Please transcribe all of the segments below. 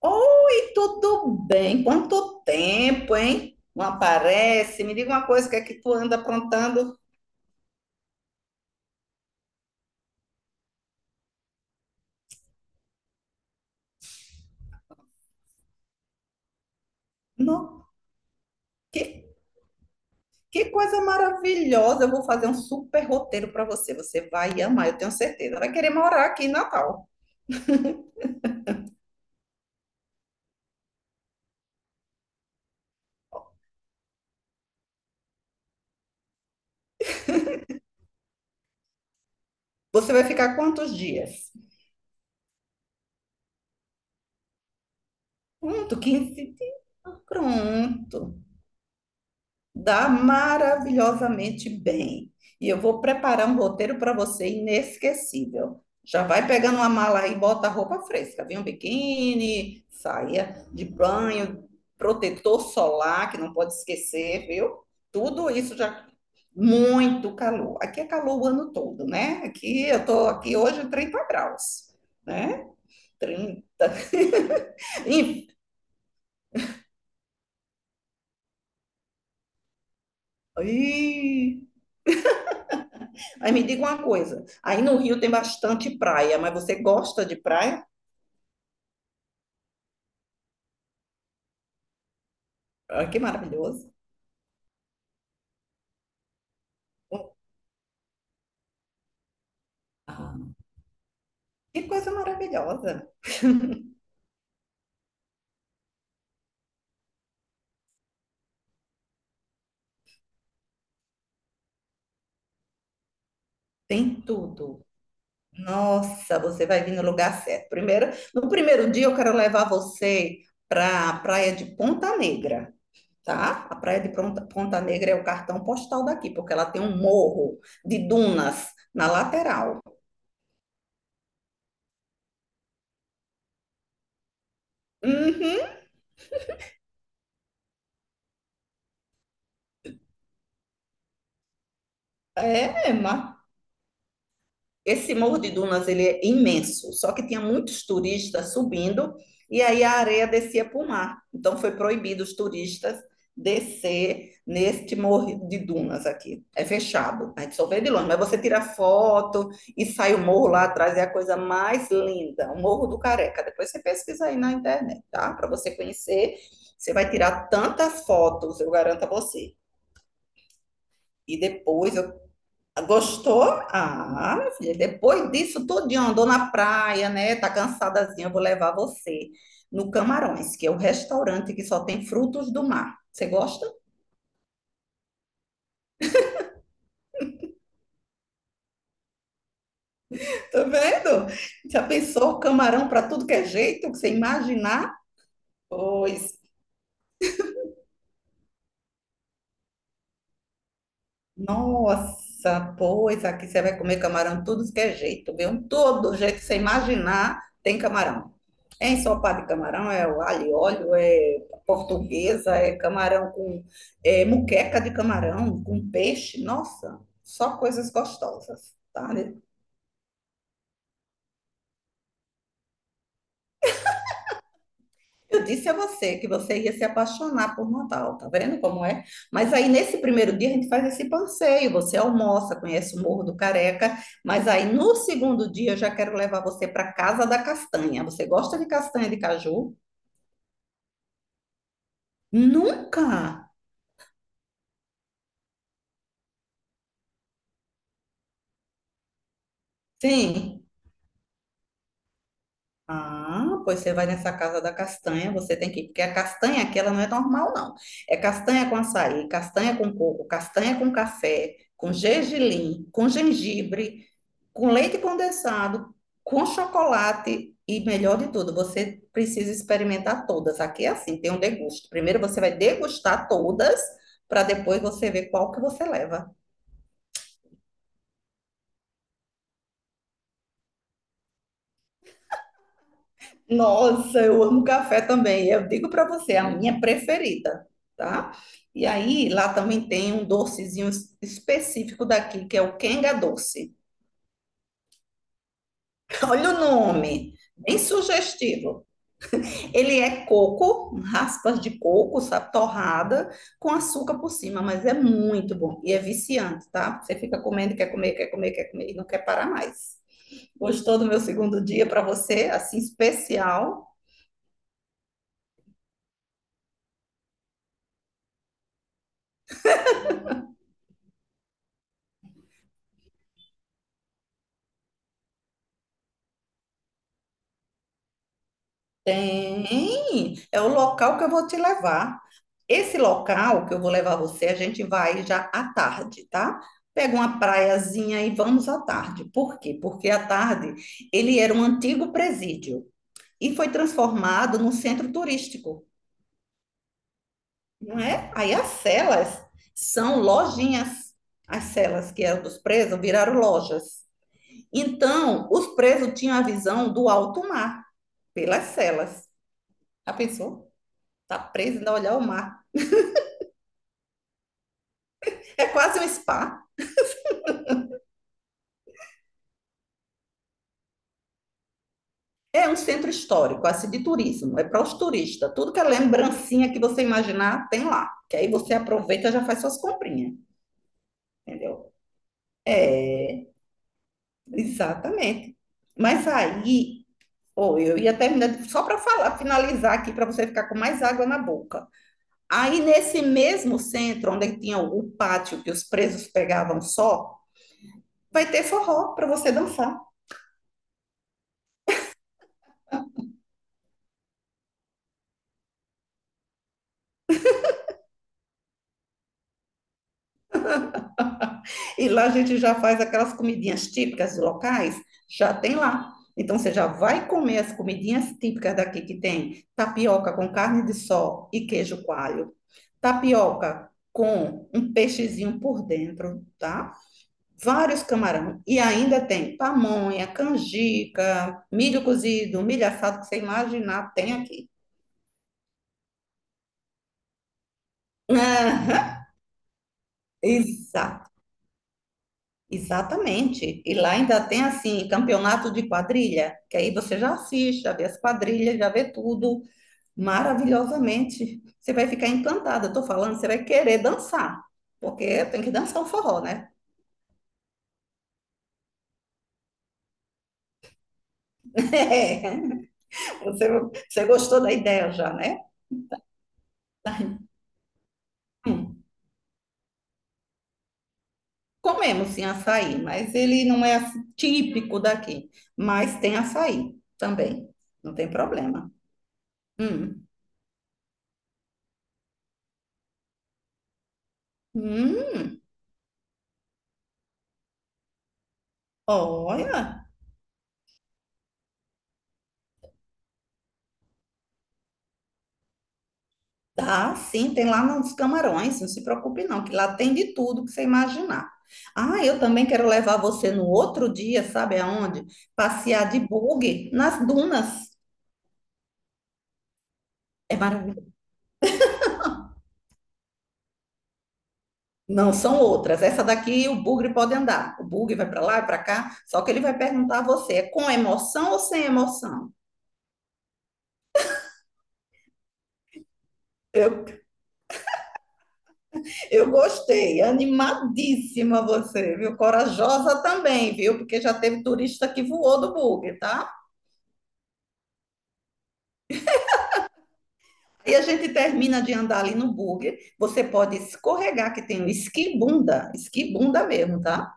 Oi, tudo bem? Quanto tempo, hein? Não aparece? Me diga uma coisa, o que é que tu anda aprontando? Não, que, que coisa maravilhosa! Eu vou fazer um super roteiro para você. Você vai amar, eu tenho certeza. Vai querer morar aqui em Natal. Você vai ficar quantos dias? Pronto, 15. Dias. Pronto. Dá maravilhosamente bem. E eu vou preparar um roteiro para você inesquecível. Já vai pegando uma mala aí, bota roupa fresca, vem um biquíni, saia de banho, protetor solar, que não pode esquecer, viu? Tudo isso já muito calor. Aqui é calor o ano todo, né? Aqui eu tô aqui hoje 30 graus, né? 30. Ih, ih, aí me diga uma coisa, aí no Rio tem bastante praia, mas você gosta de praia? Olha que maravilhoso. Ah, que coisa maravilhosa. Tem tudo. Nossa, você vai vir no lugar certo. Primeiro, no primeiro dia eu quero levar você para a praia de Ponta Negra, tá? A praia de Ponta Negra é o cartão postal daqui, porque ela tem um morro de dunas na lateral. Uhum. é, é Esse Morro de Dunas, ele é imenso, só que tinha muitos turistas subindo e aí a areia descia para o mar. Então foi proibido os turistas descer neste Morro de Dunas aqui. É fechado, a gente só vê de longe, mas você tira foto e sai o morro lá atrás, é a coisa mais linda, o Morro do Careca. Depois você pesquisa aí na internet, tá? Para você conhecer, você vai tirar tantas fotos, eu garanto a você. E depois eu gostou? Ah, minha filha, depois disso tudinho, andou na praia, né? Tá cansadazinha, eu vou levar você no Camarões, que é o restaurante que só tem frutos do mar. Você gosta? Tá vendo? Já pensou camarão para tudo que é jeito, que você imaginar? Pois nossa, pois aqui você vai comer camarão tudo que é jeito, viu? Todo jeito que você imaginar tem camarão. É ensopado de camarão, é o alho e óleo, é portuguesa, é camarão com é, muqueca de camarão, com peixe. Nossa, só coisas gostosas, tá? Eu disse a você que você ia se apaixonar por Natal, tá vendo como é? Mas aí nesse primeiro dia a gente faz esse passeio, você almoça, conhece o Morro do Careca, mas aí no segundo dia eu já quero levar você para Casa da Castanha. Você gosta de castanha de caju? Nunca! Sim. Ah, pois você vai nessa casa da castanha, você tem que ir, porque a castanha aqui ela não é normal, não. É castanha com açaí, castanha com coco, castanha com café, com gergelim, com gengibre, com leite condensado, com chocolate e melhor de tudo, você precisa experimentar todas. Aqui é assim, tem um degusto. Primeiro você vai degustar todas, para depois você ver qual que você leva. Nossa, eu amo café também. Eu digo para você, é a minha preferida, tá? E aí, lá também tem um docezinho específico daqui, que é o quenga doce. Olha o nome, bem sugestivo. Ele é coco, raspas de coco, sabe, torrada, com açúcar por cima, mas é muito bom e é viciante, tá? Você fica comendo, quer comer, quer comer, quer comer e não quer parar mais. Gostou do meu segundo dia para você, assim especial? Tem, é o local que eu vou te levar. Esse local que eu vou levar você, a gente vai já à tarde, tá? Pega uma praiazinha e vamos à tarde. Por quê? Porque à tarde ele era um antigo presídio e foi transformado num centro turístico, não é? Aí as celas são lojinhas. As celas que eram dos presos viraram lojas. Então, os presos tinham a visão do alto mar pelas celas. Já pensou? Tá preso e ainda olhar o mar. É quase um spa. É um centro histórico, assim, de turismo. É para os turistas. Tudo que é lembrancinha que você imaginar, tem lá. Que aí você aproveita e já faz suas comprinhas, entendeu? Exatamente. Mas aí, oh, eu ia terminar só para falar, finalizar aqui, para você ficar com mais água na boca. Aí, nesse mesmo centro, onde tinha o pátio que os presos pegavam só, vai ter forró para você dançar. E lá a gente já faz aquelas comidinhas típicas locais, já tem lá. Então você já vai comer as comidinhas típicas daqui que tem tapioca com carne de sol e queijo coalho, tapioca com um peixezinho por dentro, tá? Vários camarão e ainda tem pamonha, canjica, milho cozido, milho assado que você imaginar tem aqui. Aham. Exato. Exatamente. E lá ainda tem assim, campeonato de quadrilha, que aí você já assiste, já vê as quadrilhas, já vê tudo maravilhosamente. Você vai ficar encantada. Eu tô falando, você vai querer dançar, porque tem que dançar o forró, né? É. Você, você gostou da ideia já, né? Hum. Comemos sim açaí, mas ele não é assim, típico daqui. Mas tem açaí também, não tem problema. Hum. Hum, olha. Tá, sim, tem lá nos Camarões, não se preocupe não, que lá tem de tudo que você imaginar. Ah, eu também quero levar você no outro dia, sabe aonde? Passear de buggy nas dunas. É maravilhoso. Não, são outras. Essa daqui o bugre pode andar. O bugre vai para lá e para cá, só que ele vai perguntar a você, é com emoção ou sem emoção? Eu, eu gostei, animadíssima você, viu? Corajosa também, viu? Porque já teve turista que voou do bugre, tá? Aí a gente termina de andar ali no buggy. Você pode escorregar, que tem um esquibunda, esquibunda mesmo, tá?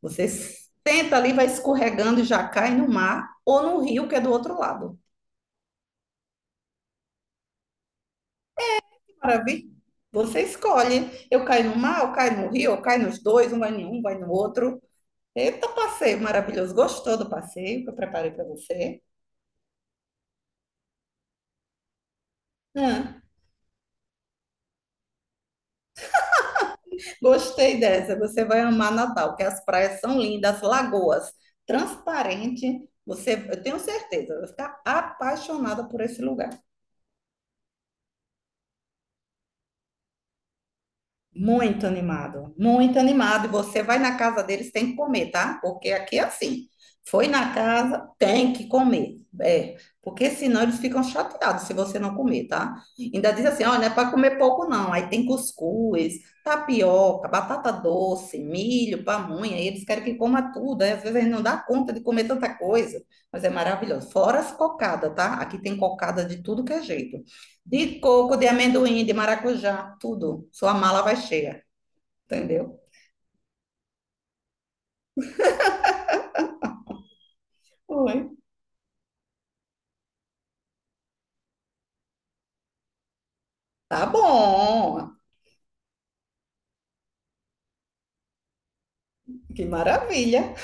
Você senta ali, vai escorregando e já cai no mar ou no rio, que é do outro lado. Maravilha. Você escolhe. Eu caio no mar, eu caio no rio, eu caio nos dois, um vai em um, vai no outro. Eita, passeio maravilhoso. Gostou do passeio que eu preparei para você? Hã? Gostei dessa. Você vai amar Natal, que as praias são lindas, as lagoas transparentes. Você, eu tenho certeza, vai ficar apaixonada por esse lugar. Muito animado, muito animado. E você vai na casa deles, tem que comer, tá? Porque aqui é assim. Foi na casa, tem que comer. É, porque senão eles ficam chateados se você não comer, tá? Ainda diz assim, olha, não é para comer pouco não. Aí tem cuscuz, tapioca, batata doce, milho, pamonha. E eles querem que coma tudo. Aí às vezes a gente não dá conta de comer tanta coisa. Mas é maravilhoso. Fora as cocadas, tá? Aqui tem cocada de tudo que é jeito. De coco, de amendoim, de maracujá, tudo. Sua mala vai cheia, entendeu? Oi. Tá bom. Que maravilha.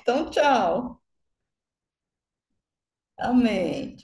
Então, tchau. Amém.